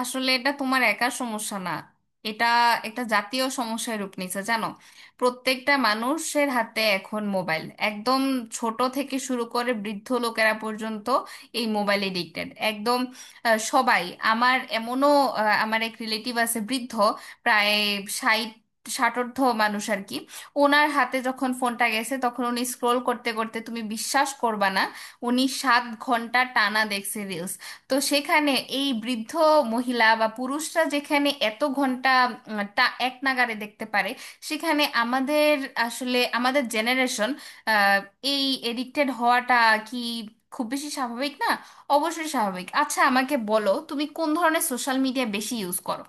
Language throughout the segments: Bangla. আসলে এটা তোমার একার সমস্যা না। এটা একটা জাতীয় সমস্যায় রূপ নিচ্ছে, জানো। প্রত্যেকটা মানুষের হাতে এখন মোবাইল, একদম ছোট থেকে শুরু করে বৃদ্ধ লোকেরা পর্যন্ত এই মোবাইল এডিক্টেড একদম। সবাই। আমার এমনও, আমার এক রিলেটিভ আছে বৃদ্ধ, প্রায় ষাট ষাটোর্ধ্ব মানুষ আর কি। ওনার হাতে যখন ফোনটা গেছে, তখন উনি স্ক্রোল করতে করতে, তুমি বিশ্বাস করবা না, উনি 7 ঘন্টা টানা দেখছে রিলস। তো সেখানে এই বৃদ্ধ মহিলা বা পুরুষরা যেখানে এত ঘন্টা টা এক নাগাড়ে দেখতে পারে, সেখানে আমাদের, আসলে আমাদের জেনারেশন এই এডিক্টেড হওয়াটা কি খুব বেশি স্বাভাবিক না? অবশ্যই স্বাভাবিক। আচ্ছা, আমাকে বলো তুমি কোন ধরনের সোশ্যাল মিডিয়া বেশি ইউজ করো।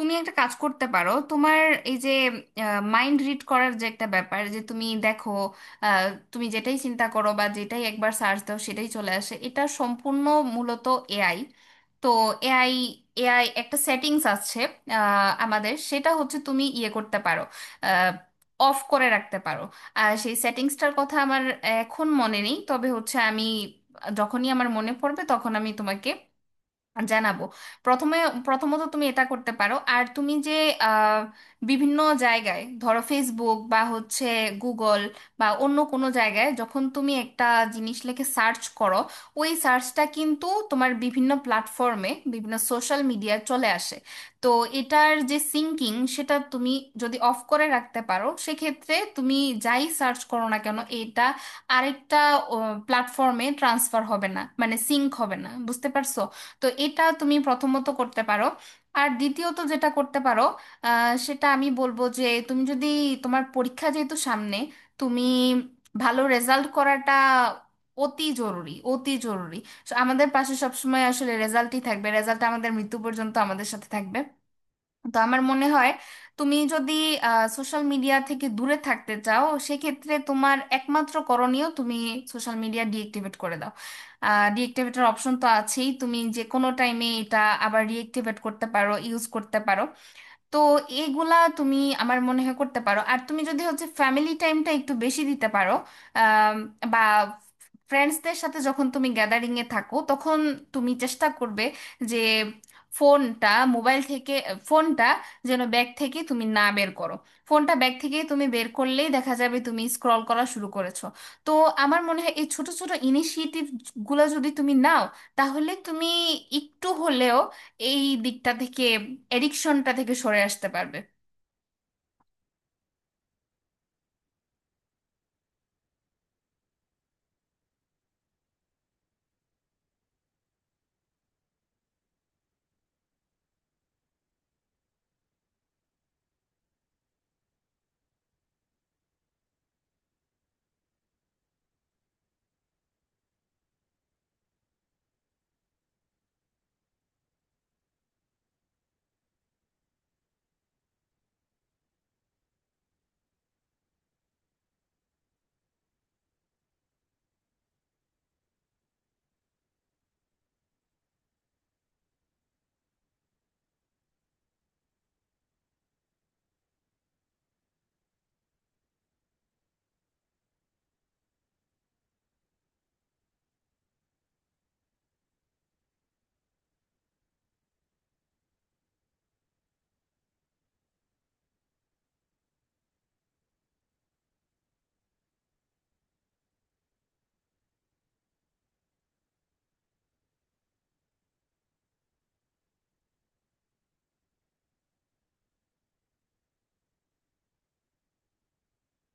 তুমি একটা কাজ করতে পারো। তোমার এই যে মাইন্ড রিড করার যে একটা ব্যাপার, যে তুমি দেখো আহ, তুমি যেটাই চিন্তা করো বা যেটাই একবার সার্চ দাও সেটাই চলে আসে, এটা সম্পূর্ণ মূলত এআই। তো এআই এআই একটা সেটিংস আছে। আমাদের সেটা হচ্ছে তুমি ইয়ে করতে পারো, অফ করে রাখতে পারো। আর সেই সেটিংসটার কথা আমার এখন মনে নেই, তবে হচ্ছে আমি যখনই আমার মনে পড়বে তখন আমি তোমাকে জানাবো। প্রথমে প্রথমত তুমি এটা করতে পারো। আর তুমি যে আহ, বিভিন্ন জায়গায়, ধরো ফেসবুক বা হচ্ছে গুগল বা অন্য কোনো জায়গায় যখন তুমি একটা জিনিস লিখে সার্চ করো, ওই সার্চটা কিন্তু তোমার বিভিন্ন প্ল্যাটফর্মে বিভিন্ন সোশ্যাল মিডিয়ায় চলে আসে। তো এটার যে সিঙ্কিং, সেটা তুমি যদি অফ করে রাখতে পারো সেক্ষেত্রে তুমি যাই সার্চ করো না কেন, এটা আরেকটা প্ল্যাটফর্মে ট্রান্সফার হবে না, মানে সিঙ্ক হবে না, বুঝতে পারছো? তো এটা তুমি প্রথমত করতে পারো। আর দ্বিতীয়ত যেটা করতে পারো, সেটা আমি বলবো যে তুমি যদি, তোমার পরীক্ষা যেহেতু সামনে, তুমি ভালো রেজাল্ট করাটা অতি জরুরি, অতি জরুরি। So, আমাদের পাশে সবসময় আসলে রেজাল্টই থাকবে, রেজাল্ট আমাদের মৃত্যু পর্যন্ত আমাদের সাথে থাকবে। তো আমার মনে হয় তুমি যদি সোশ্যাল মিডিয়া থেকে দূরে থাকতে চাও সেক্ষেত্রে তোমার একমাত্র করণীয় তুমি সোশ্যাল মিডিয়া ডিএক্টিভেট করে দাও। ডিএক্টিভেটের অপশন তো আছেই, তুমি যে কোনো টাইমে এটা আবার রিএক্টিভেট করতে পারো, ইউজ করতে পারো। তো এগুলা তুমি আমার মনে হয় করতে পারো। আর তুমি যদি হচ্ছে ফ্যামিলি টাইমটা একটু বেশি দিতে পারো, আম, বা ফ্রেন্ডসদের সাথে যখন তুমি গ্যাদারিং এ থাকো, তখন তুমি চেষ্টা করবে যে ফোনটা, মোবাইল থেকে ফোনটা যেন ব্যাগ থেকে তুমি না বের করো। ফোনটা ব্যাগ থেকে তুমি বের করলেই দেখা যাবে তুমি স্ক্রল করা শুরু করেছো। তো আমার মনে হয় এই ছোট ছোট ইনিশিয়েটিভ গুলো যদি তুমি নাও, তাহলে তুমি একটু হলেও এই দিকটা থেকে, এডিকশনটা থেকে সরে আসতে পারবে।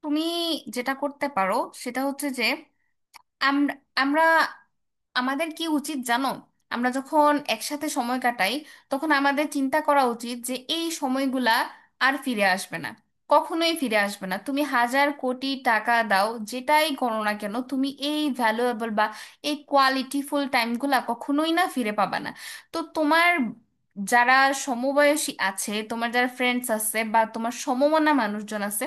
তুমি যেটা করতে পারো সেটা হচ্ছে যে, আমরা, আমরা আমাদের কি উচিত জানো, আমরা যখন একসাথে সময় কাটাই, তখন আমাদের চিন্তা করা উচিত যে এই সময়গুলা আর ফিরে আসবে না, কখনোই ফিরে আসবে না। তুমি হাজার কোটি টাকা দাও, যেটাই করো না কেন, তুমি এই ভ্যালুয়েবল বা এই কোয়ালিটিফুল টাইমগুলা কখনোই না ফিরে পাবা না। তো তোমার যারা সমবয়সী আছে, তোমার যারা ফ্রেন্ডস আছে বা তোমার সমমনা মানুষজন আছে,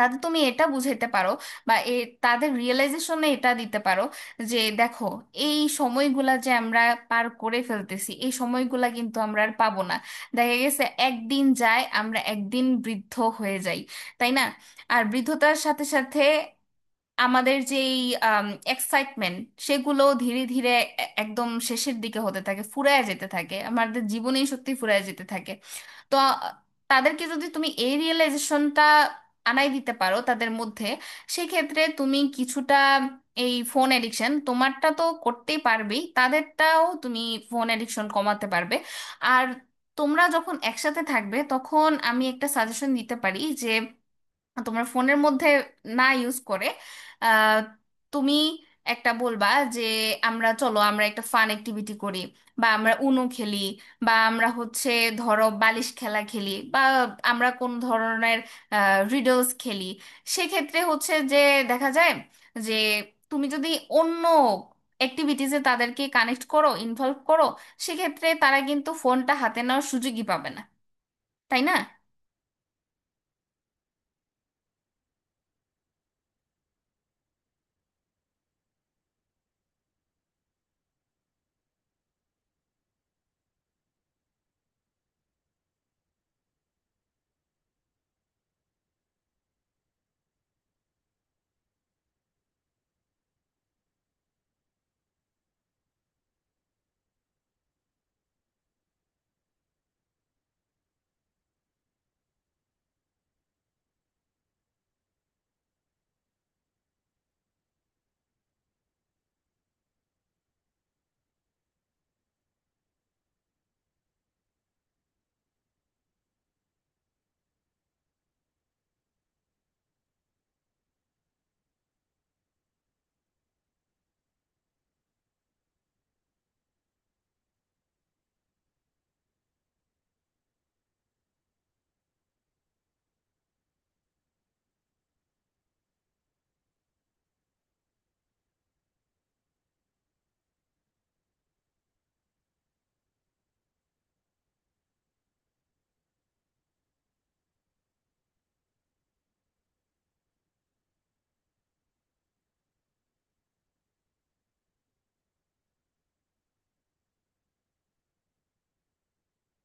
তাতে তুমি এটা বুঝাইতে পারো, বা এ, তাদের রিয়েলাইজেশনে এটা দিতে পারো যে, দেখো, এই সময়গুলা যে আমরা পার করে ফেলতেছি এই সময়গুলা কিন্তু আমরা আর পাবো না। দেখা গেছে একদিন যায় আমরা একদিন বৃদ্ধ হয়ে যাই, তাই না? আর বৃদ্ধতার সাথে সাথে আমাদের যেই এক্সাইটমেন্ট সেগুলো ধীরে ধীরে একদম শেষের দিকে হতে থাকে, ফুরায় যেতে থাকে, আমাদের জীবনী শক্তি ফুরায় যেতে থাকে। তো আ, তাদেরকে যদি তুমি এই রিয়েলাইজেশনটা আনাই দিতে পারো তাদের মধ্যে, সেক্ষেত্রে তুমি কিছুটা এই ফোন এডিকশন তোমারটা তো করতেই পারবেই, তাদেরটাও তুমি ফোন এডিকশন কমাতে পারবে। আর তোমরা যখন একসাথে থাকবে তখন আমি একটা সাজেশন দিতে পারি যে তোমার ফোনের মধ্যে না ইউজ করে আহ, তুমি একটা বলবা যে, আমরা চলো আমরা একটা ফান অ্যাক্টিভিটি করি, বা আমরা উনো খেলি, বা আমরা হচ্ছে ধরো বালিশ খেলা খেলি, বা আমরা কোন ধরনের রিডলস খেলি। সেক্ষেত্রে হচ্ছে যে দেখা যায় যে তুমি যদি অন্য অ্যাক্টিভিটিসে তাদেরকে কানেক্ট করো, ইনভলভ করো, সেক্ষেত্রে তারা কিন্তু ফোনটা হাতে নেওয়ার সুযোগই পাবে না, তাই না?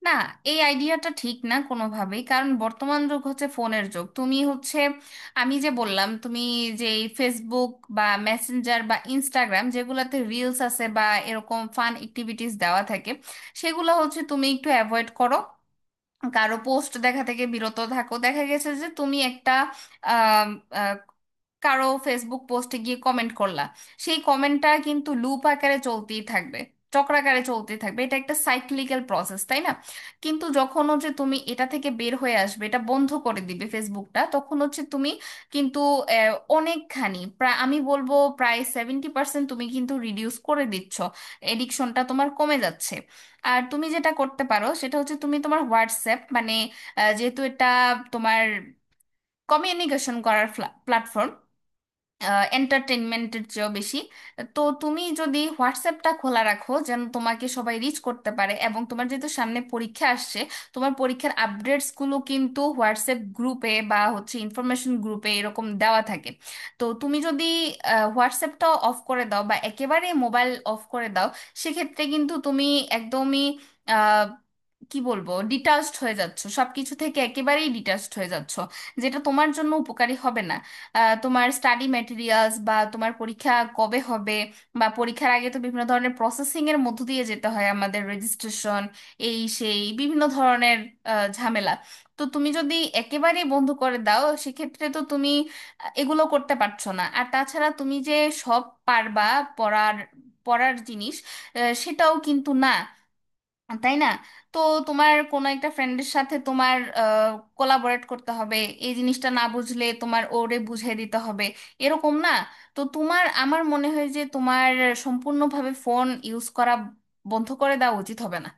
না, এই আইডিয়াটা ঠিক না কোনোভাবেই। কারণ বর্তমান যুগ হচ্ছে ফোনের যুগ। তুমি হচ্ছে, আমি যে বললাম তুমি, যে এই ফেসবুক বা মেসেঞ্জার বা ইনস্টাগ্রাম যেগুলোতে রিলস আছে বা এরকম ফান অ্যাক্টিভিটিস দেওয়া থাকে, সেগুলো হচ্ছে তুমি একটু অ্যাভয়েড করো। কারো পোস্ট দেখা থেকে বিরত থাকো। দেখা গেছে যে তুমি একটা আম, আহ, কারো ফেসবুক পোস্টে গিয়ে কমেন্ট করলা, সেই কমেন্টটা কিন্তু লুপ আকারে চলতেই থাকবে, চক্রাকারে চলতেই থাকবে, এটা একটা সাইক্লিক্যাল প্রসেস, তাই না? কিন্তু যখন হচ্ছে তুমি এটা থেকে বের হয়ে আসবে, এটা বন্ধ করে দিবে ফেসবুকটা, তখন হচ্ছে তুমি কিন্তু আহ, অনেকখানি, প্রায় আমি বলবো প্রায় 70% তুমি কিন্তু রিডিউস করে দিচ্ছ, এডিকশনটা তোমার কমে যাচ্ছে। আর তুমি যেটা করতে পারো সেটা হচ্ছে তুমি তোমার হোয়াটসঅ্যাপ, মানে যেহেতু এটা তোমার কমিউনিকেশন করার প্ল্যাটফর্ম এন্টারটেনমেন্টের চেয়েও বেশি, তো তুমি যদি হোয়াটসঅ্যাপটা খোলা রাখো যেন তোমাকে সবাই রিচ করতে পারে, এবং তোমার যেহেতু সামনে পরীক্ষা আসছে, তোমার পরীক্ষার আপডেটসগুলো কিন্তু হোয়াটসঅ্যাপ গ্রুপে বা হচ্ছে ইনফরমেশন গ্রুপে এরকম দেওয়া থাকে। তো তুমি যদি হোয়াটসঅ্যাপটা অফ করে দাও বা একেবারে মোবাইল অফ করে দাও, সেক্ষেত্রে কিন্তু তুমি একদমই কি বলবো, ডিটাচড হয়ে যাচ্ছ সবকিছু থেকে, একেবারেই ডিটাচড হয়ে যাচ্ছ, যেটা তোমার জন্য উপকারী হবে না। তোমার স্টাডি ম্যাটেরিয়ালস বা তোমার পরীক্ষা কবে হবে, বা পরীক্ষার আগে তো বিভিন্ন ধরনের প্রসেসিং এর মধ্য দিয়ে যেতে হয় আমাদের, রেজিস্ট্রেশন এই সেই বিভিন্ন ধরনের ঝামেলা। তো তুমি যদি একেবারেই বন্ধ করে দাও সেক্ষেত্রে তো তুমি এগুলো করতে পারছো না। আর তাছাড়া তুমি যে সব পারবা, পড়ার পড়ার জিনিস সেটাও কিন্তু না, তাই না? তো তোমার কোনো একটা ফ্রেন্ডের সাথে তোমার কোলাবোরেট করতে হবে। এই জিনিসটা না বুঝলে তোমার ওরে বুঝিয়ে দিতে হবে, এরকম না? তো তোমার, আমার মনে হয় যে তোমার সম্পূর্ণভাবে ফোন ইউজ করা বন্ধ করে দেওয়া উচিত হবে না।